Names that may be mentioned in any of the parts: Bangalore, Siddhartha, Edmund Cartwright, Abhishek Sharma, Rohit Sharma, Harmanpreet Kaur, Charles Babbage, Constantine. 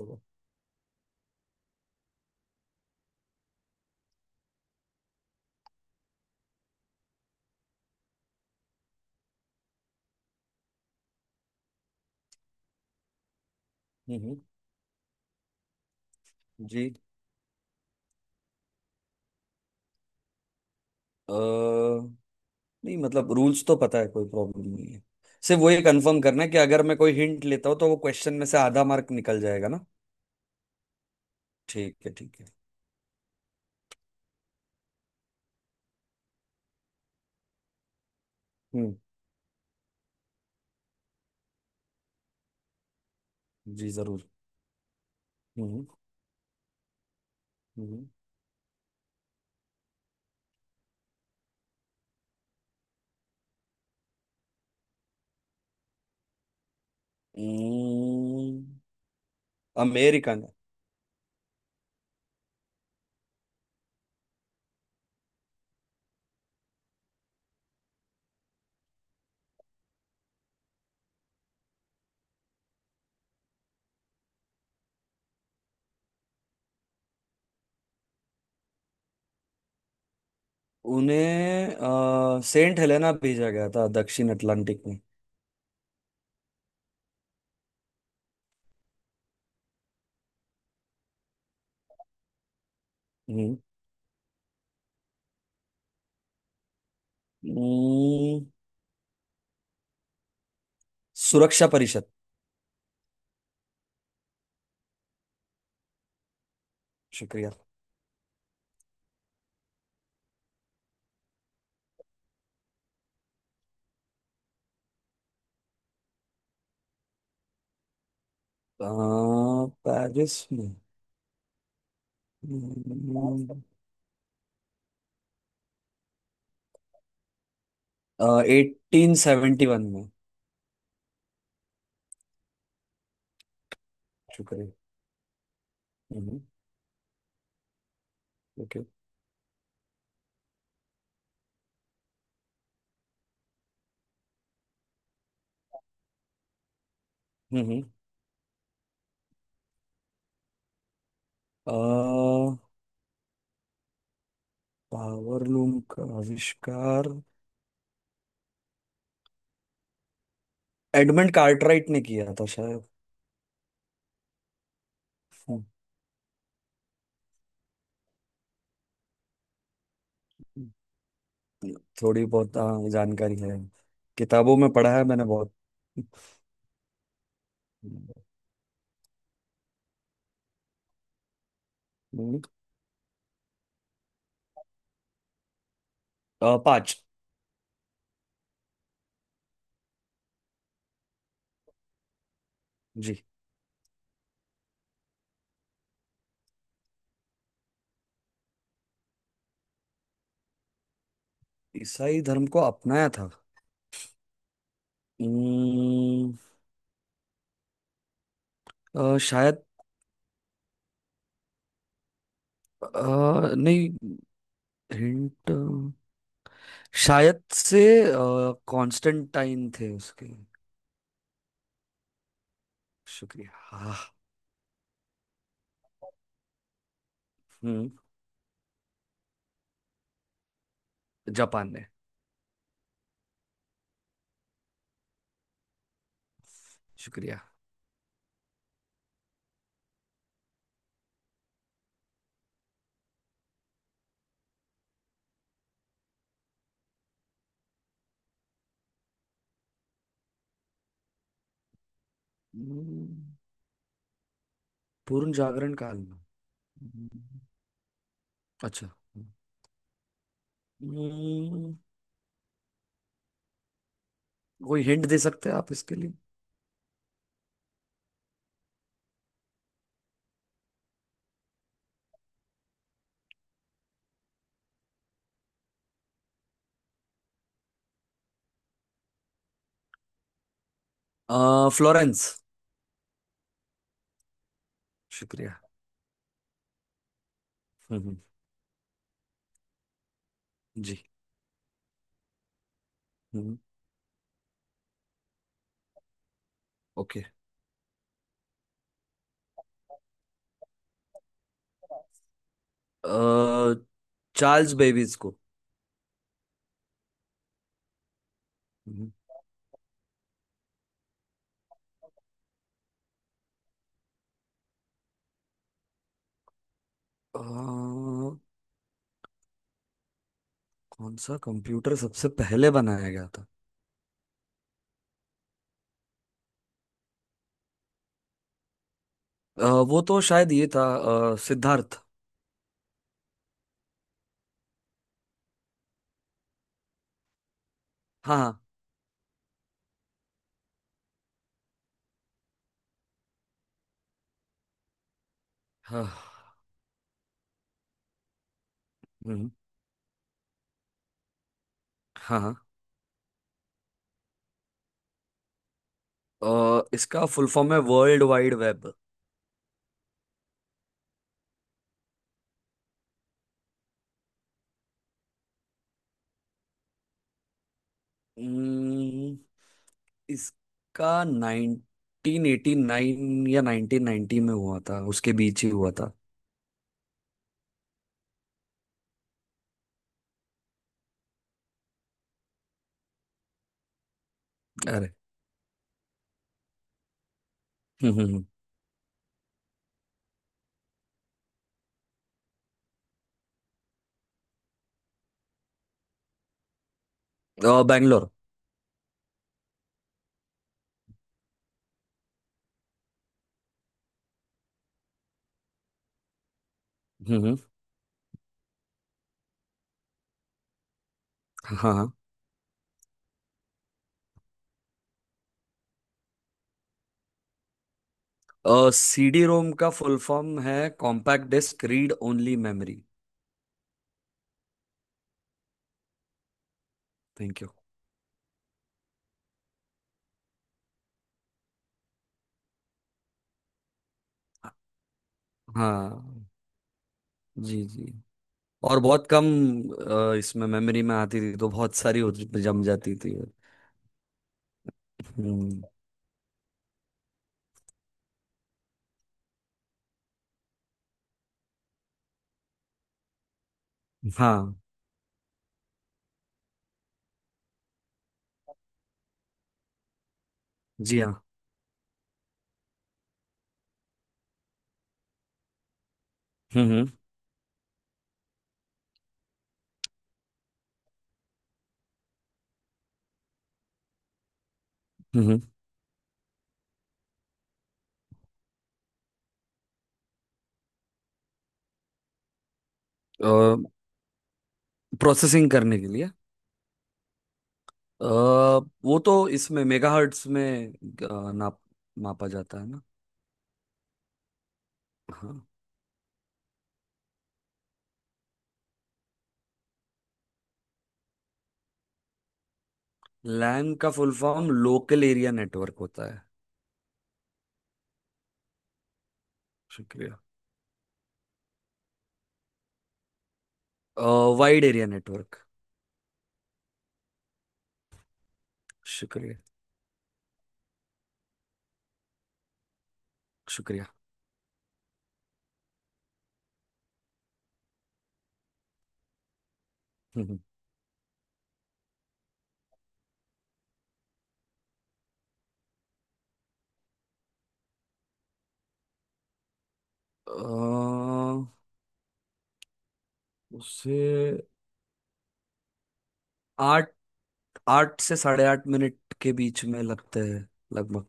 हम्म हम्म, जी। अ, नहीं, मतलब रूल्स तो पता है, कोई प्रॉब्लम नहीं है। सिर्फ वो ये कंफर्म करना है कि अगर मैं कोई हिंट लेता हूँ तो वो क्वेश्चन में से आधा मार्क निकल जाएगा ना। ठीक है ठीक है। हम्म। जी जरूर। हम्म हम्म। हम्म। अमेरिकन। उन्हें सेंट हेलेना भेजा गया था, दक्षिण अटलांटिक में। हम्म हम्म। सुरक्षा परिषद। शुक्रिया। अ, पेरिस में। हम्म, 1871 में। शुक्रिया। हम्म। ओके। हम्म। पावर लूम का आविष्कार एडमंड कार्टराइट ने किया था शायद। हम्म, थोड़ी बहुत हाँ, जानकारी है। किताबों में पढ़ा है मैंने बहुत। हम्म, 5। जी, ईसाई धर्म को अपनाया था। हम्म, शायद। नहीं, हिंट। शायद से कॉन्स्टेंटाइन थे उसके। शुक्रिया। हाँ। हम्म। जापान ने। शुक्रिया। हम्म, पूर्ण जागरण काल में। हम्म, अच्छा। हम्म, कोई हिंट दे सकते हैं आप इसके लिए? फ्लोरेंस। शुक्रिया। हम्म। जी। हम्म। ओके। अ, चार्ल्स बेबीज को। हम्म, अ, कौन सा कंप्यूटर सबसे पहले बनाया गया था? वो तो शायद ये था, सिद्धार्थ। हाँ। हाँ हाँ। हम्म, हाँ हाँ। इसका फुल फॉर्म है वर्ल्ड वाइड वेब। हम्म, इसका 1989 या 1990 में हुआ था, उसके बीच ही हुआ था। अरे। हम्म हम्म हम्म। बैंगलोर। हम्म। हाँ हाँ। सीडी रोम का फुल फॉर्म है compact disc read only memory. Thank you. हाँ जी जी। और बहुत कम इसमें मेमोरी में आती थी, तो बहुत सारी हो जम जाती थी। हम्म। हाँ जी हाँ। हम्म हम्म। हम्म प्रोसेसिंग करने के लिए अ, वो तो इसमें मेगाहर्ट्ज में अ, नाप मापा जाता है ना। हाँ। लैन का full form local area network होता है। शुक्रिया। Wide area network. शुक्रिया। शुक्रिया। हम्म, हम्म। अ, उसे आठ आठ से 8.5 मिनट के बीच में लगते हैं, लगभग।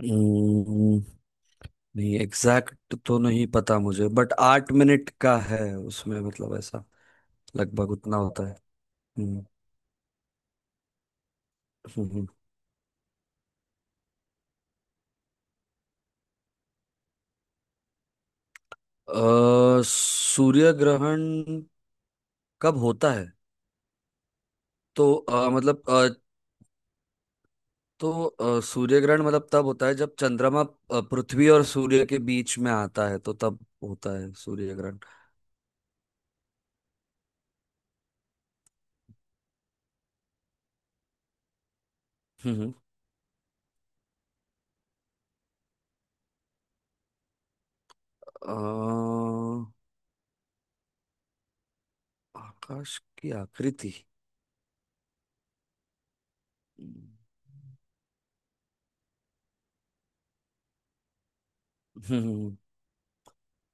हम्म, नहीं, एग्जैक्ट तो नहीं पता मुझे, बट 8 मिनट का है उसमें, मतलब ऐसा लगभग उतना होता है। हम्म, हम्म, हम्म। सूर्य ग्रहण कब होता है? तो अ, मतलब अ, तो सूर्य ग्रहण मतलब तब होता है जब चंद्रमा पृथ्वी और सूर्य के बीच में आता है, तो तब होता है सूर्य ग्रहण। हम्म अ, आकाश की आकृति। हम्म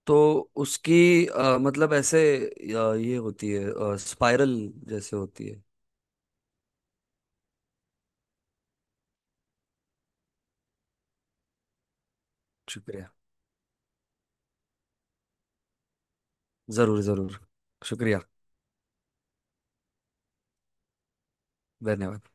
तो उसकी, मतलब ऐसे, ये होती है स्पाइरल जैसे होती है। शुक्रिया। जरूर जरूर। शुक्रिया। धन्यवाद।